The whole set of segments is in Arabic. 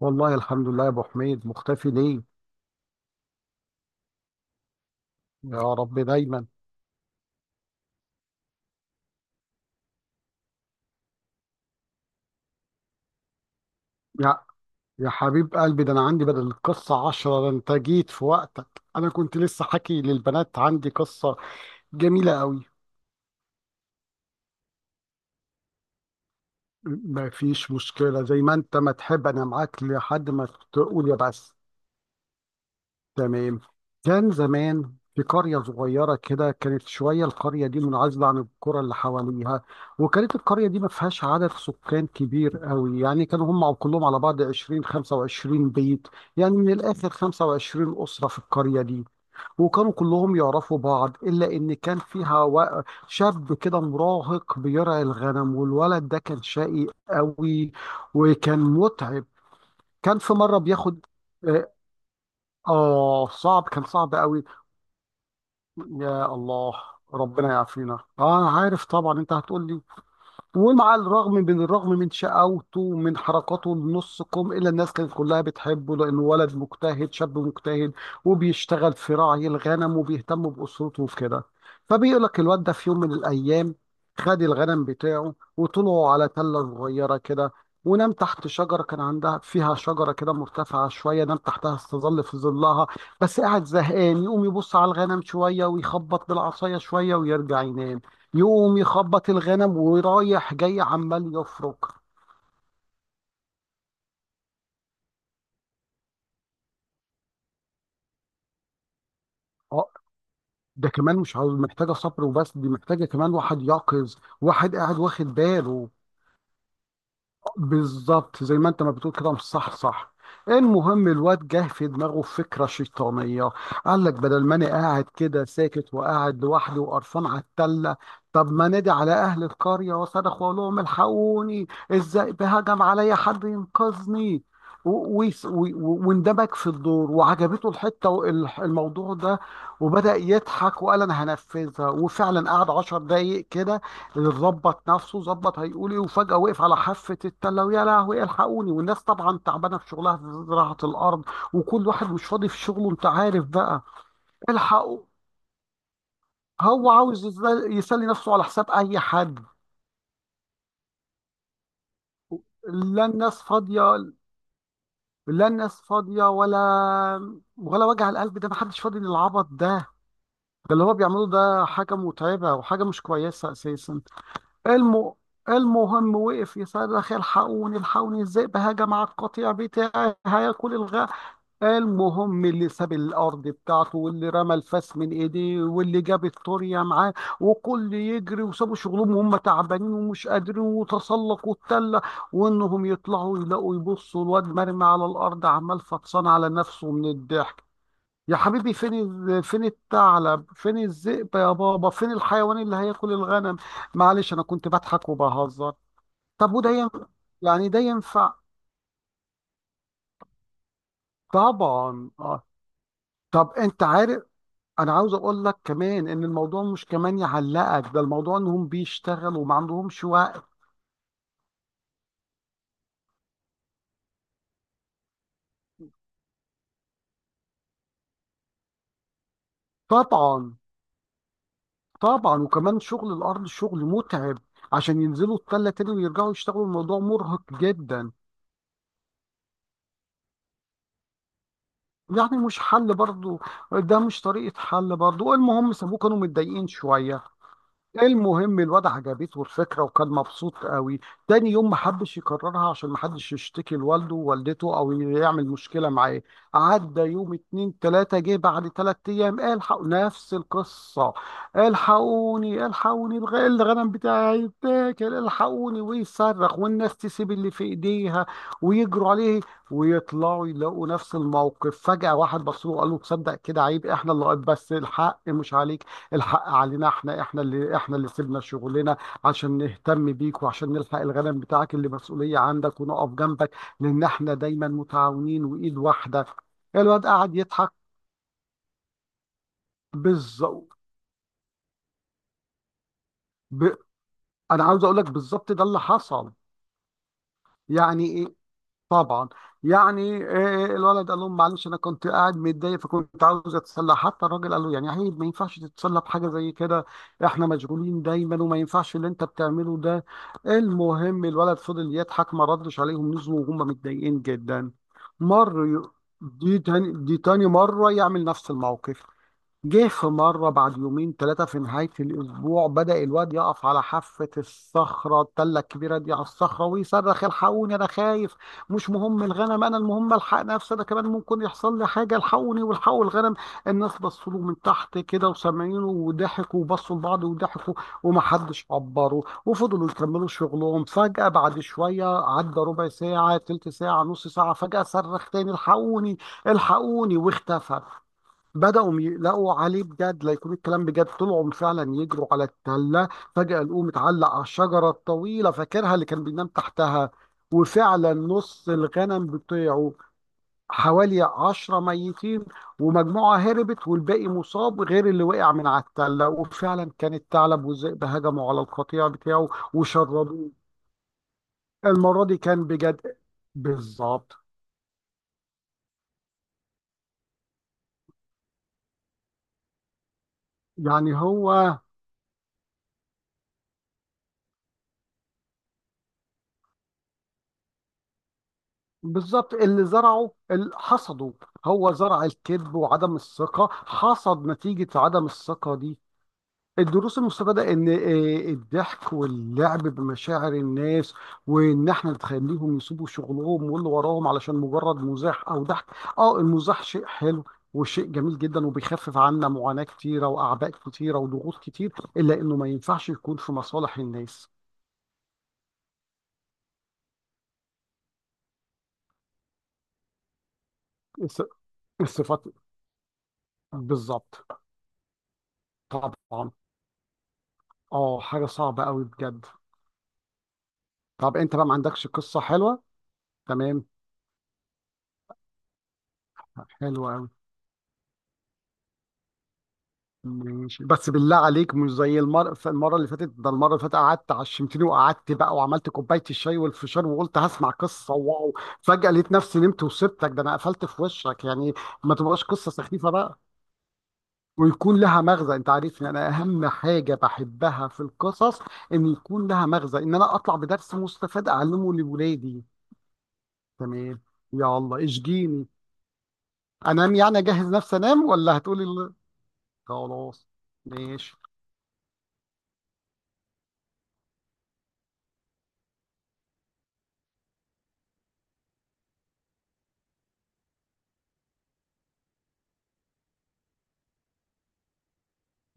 والله الحمد لله يا ابو حميد، مختفي ليه؟ يا رب دايما. يا يا حبيب قلبي، ده انا عندي بدل القصه عشرة. ده انت جيت في وقتك، انا كنت لسه حكي للبنات عندي قصه جميله قوي. ما فيش مشكله، زي ما انت ما تحب، انا معاك لحد ما تقول يا بس. تمام. كان زمان في قرية صغيرة كده، كانت شوية، القرية دي منعزلة عن القرى اللي حواليها، وكانت القرية دي ما فيهاش عدد سكان كبير قوي، يعني كانوا هم كلهم على بعض 20 25 بيت، يعني من الآخر 25 أسرة في القرية دي. وكانوا كلهم يعرفوا بعض، إلا إن كان فيها شاب كده مراهق بيرعي الغنم، والولد ده كان شقي قوي وكان متعب. كان في مرة بياخد آه، آه، صعب، كان صعب قوي. يا الله، ربنا يعافينا. اه انا عارف طبعا انت هتقول لي. ومع الرغم من شقاوته ومن حركاته النص كم، إلا الناس كانت كلها بتحبه، لأنه ولد مجتهد، شاب مجتهد، وبيشتغل في راعي الغنم، وبيهتم بأسرته وكده. فبيقول لك الواد ده في يوم من الأيام خد الغنم بتاعه وطلعوا على تلة صغيرة كده، ونام تحت شجرة، كان عندها فيها شجرة كده مرتفعة شوية، نام تحتها استظل في ظلها. بس قاعد زهقان، يقوم يبص على الغنم شوية ويخبط بالعصاية شوية ويرجع ينام، يقوم يخبط الغنم ورايح جاي عمال يفرك. اه ده كمان مش عاوز- محتاجه صبر وبس، دي محتاجه كمان واحد يقظ، واحد قاعد واخد باله. بالظبط زي ما انت ما بتقول كده، مش صح. المهم الواد جه في دماغه فكرة شيطانية، قال لك بدل ما انا قاعد كده ساكت وقاعد لوحدي وقرفان على التلة، طب ما نادي على اهل القرية وصرخ واقول لهم الحقوني، الذئب هجم عليا، حد ينقذني. واندمج في الدور، وعجبته الحتة الموضوع ده، وبدأ يضحك وقال انا هنفذها. وفعلا قعد عشر دقايق كده، ظبط نفسه ظبط، هيقول ايه، وفجأة وقف على حافة التلة ويا لهوي الحقوني. والناس طبعا تعبانة في شغلها في زراعة الأرض، وكل واحد مش فاضي في شغله أنت عارف بقى. الحقوا. هو عاوز يسلي نفسه على حساب أي حد. لا الناس فاضية، لا الناس فاضية ولا ولا وجع القلب ده، محدش فاضي للعبط ده. ده اللي هو بيعمله ده حاجة متعبة وحاجة مش كويسة أساسا. الم... المهم وقف يصرخ الحقوني الحقوني الذئب هجم على القطيع بتاعي هياكل الغاء. المهم اللي ساب الارض بتاعته، واللي رمى الفاس من ايديه، واللي جاب الطرية معاه، وكل يجري، وسابوا شغلهم وهم تعبانين ومش قادرين، وتسلقوا التلة، وانهم يطلعوا يلاقوا يبصوا الواد مرمي على الارض عمال فطسان على نفسه من الضحك. يا حبيبي فين فين الثعلب، فين الذئب يا بابا، فين الحيوان اللي هياكل الغنم؟ معلش انا كنت بضحك وبهزر. طب وده ينفع؟ يعني ده ينفع؟ طبعا اه. طب انت عارف، انا عاوز اقول لك كمان ان الموضوع مش كمان يعلقك، ده الموضوع انهم بيشتغلوا وما عندهمش وقت. طبعا طبعا، وكمان شغل الارض شغل متعب، عشان ينزلوا التلة تاني ويرجعوا يشتغلوا، الموضوع مرهق جدا. يعني مش حل برضو، ده مش طريقة حل برضو. المهم سابوه كانوا متضايقين شوية. المهم الواد عجبته الفكرة وكان مبسوط قوي. تاني يوم ما حبش يكررها عشان ما حدش يشتكي لوالده ووالدته او يعمل مشكلة معاه. عدى يوم اتنين تلاتة، جه بعد تلات ايام الحقوا نفس القصة، الحقوني الحقوني الغنم بتاعي اتاكل الحقوني، ويصرخ والناس تسيب اللي في ايديها ويجروا عليه، ويطلعوا يلاقوا نفس الموقف. فجأة واحد بص له وقال له تصدق كده عيب، احنا اللي بس الحق مش عليك، الحق علينا احنا، احنا اللي سيبنا شغلنا عشان نهتم بيك، وعشان نلحق الغنم بتاعك اللي مسؤولية عندك، ونقف جنبك، لان احنا دايما متعاونين وايد واحدة. الواد قاعد يضحك. بالظبط. ب... انا عاوز اقول لك بالظبط ده اللي حصل. يعني إيه؟ طبعا. يعني آه، آه، الولد قال لهم معلش انا كنت قاعد متضايق فكنت عاوز اتسلى. حتى الراجل قال له يعني هي ما ينفعش تتسلى بحاجه زي كده، احنا مشغولين دايما وما ينفعش اللي انت بتعمله ده. المهم الولد فضل يضحك ما ردش عليهم، نزلوا وهم متضايقين جدا. مر ي- دي تاني مره يعمل نفس الموقف. جه في مرة بعد يومين ثلاثة في نهاية الأسبوع، بدأ الواد يقف على حافة الصخرة التلة الكبيرة دي على الصخرة ويصرخ الحقوني أنا خايف، مش مهم الغنم، أنا المهم ألحق نفسي أنا كمان ممكن يحصل لي حاجة، الحقوني والحقوا الغنم. الناس بصوا له من تحت كده وسامعينه وضحكوا، وبصوا لبعض وضحكوا، ومحدش عبره وفضلوا يكملوا شغلهم. فجأة بعد شوية عدى ربع ساعة تلت ساعة نص ساعة، فجأة صرخ تاني الحقوني الحقوني واختفى. بدأوا يقلقوا عليه بجد، لا يكون الكلام بجد، طلعوا فعلا يجروا على التلة. فجأة لقوه متعلق على الشجرة الطويلة فاكرها اللي كان بينام تحتها، وفعلا نص الغنم بتوعه حوالي عشرة ميتين، ومجموعة هربت، والباقي مصاب، غير اللي وقع من على التلة، وفعلا كان الثعلب والذئب هجموا على القطيع بتاعه وشردوه. المرة دي كان بجد. بالظبط. يعني هو بالظبط اللي زرعه اللي حصده، هو زرع الكذب وعدم الثقة، حصد نتيجة عدم الثقة دي. الدروس المستفادة إن آه، الضحك واللعب بمشاعر الناس، وإن إحنا نخليهم يسيبوا شغلهم واللي وراهم علشان مجرد مزاح أو ضحك. آه المزاح شيء حلو، وشيء جميل جدا، وبيخفف عنا معاناة كتيرة وأعباء كتيرة وضغوط كتير، إلا إنه ما ينفعش يكون في مصالح الناس. الص- الصفات. بالظبط. طبعا. آه، حاجة صعبة أوي بجد. طب انت بقى ما عندكش قصة حلوة؟ تمام. حلوة قوي. ماشي، بس بالله عليك مش زي المرة، المرة اللي فاتت ده المرة اللي فاتت قعدت عشمتني، وقعدت بقى وعملت كوباية الشاي والفشار، وقلت هسمع قصة، واو، فجأة لقيت نفسي نمت وسبتك، ده انا قفلت في وشك يعني. ما تبقاش قصة سخيفة بقى، ويكون لها مغزى، انت عارفني انا اهم حاجة بحبها في القصص ان يكون لها مغزى، ان انا اطلع بدرس مستفاد اعلمه لولادي. تمام. يلا اشجيني. انام يعني، اجهز نفسي انام ولا هتقولي؟ خلاص. ماشي.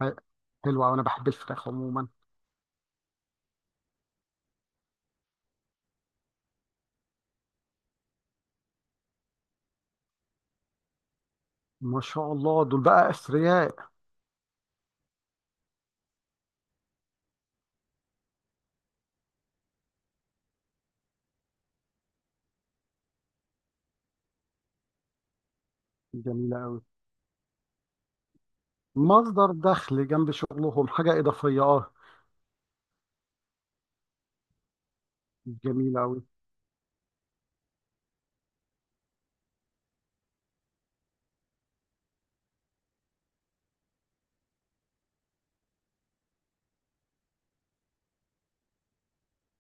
ح- حلو أوي، انا بحب الفراخ عموما. ما شاء الله، دول بقى اثرياء. جميله قوي. مصدر دخل جنب شغلهم، حاجه اضافيه اه. جميله قوي.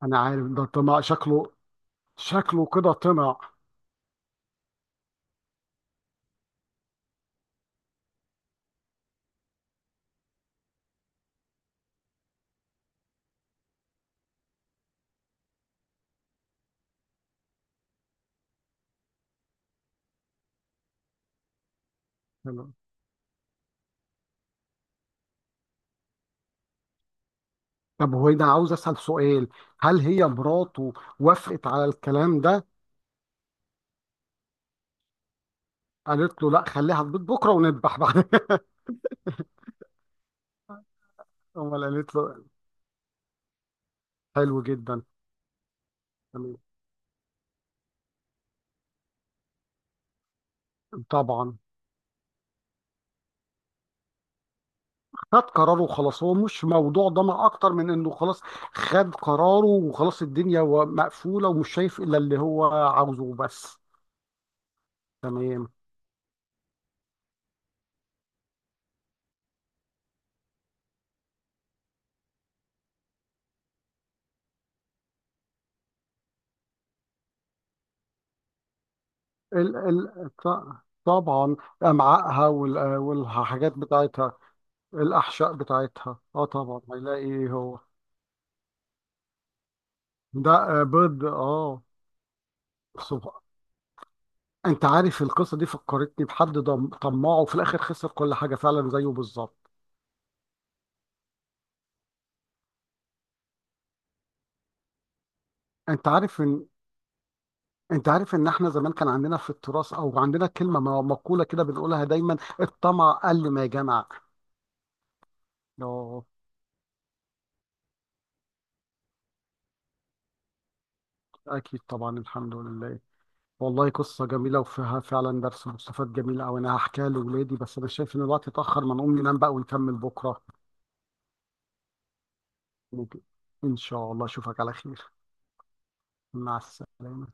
انا عارف ده طمع شكله، شكله كده طمع. حلو. طب هو انا عاوز اسال سؤال، هل هي مراته وافقت على الكلام ده؟ قالت له لا خليها في بيت بكره ونذبح بعد امال قالت له؟ حلو جدا. تمام. طبعا. خد قراره وخلاص، هو مش موضوع ضمير اكتر من انه خلاص خد قراره وخلاص، الدنيا مقفوله ومش شايف الا اللي هو عاوزه وبس. تمام. ال ال ط- طبعا. امعائها والحاجات بتاعتها، الاحشاء بتاعتها، اه طبعا هيلاقي ايه هو؟ ده آه، بيض اه. سبحان. انت عارف القصه دي فكرتني بحد طماعه وفي الاخر خسر كل حاجه فعلا زيه بالظبط. انت عارف ان انت عارف ان احنا زمان كان عندنا في التراث او عندنا كلمه مقوله كده بنقولها دايما، الطمع قل ما جمع. اه اكيد طبعا، الحمد لله. والله قصه جميله وفيها فعلا درس مستفاد جميل قوي، انا هحكيها لاولادي، بس انا شايف ان الوقت اتاخر، ما نقوم ننام بقى ونكمل بكره. ممكن. ان شاء الله اشوفك على خير. مع السلامه.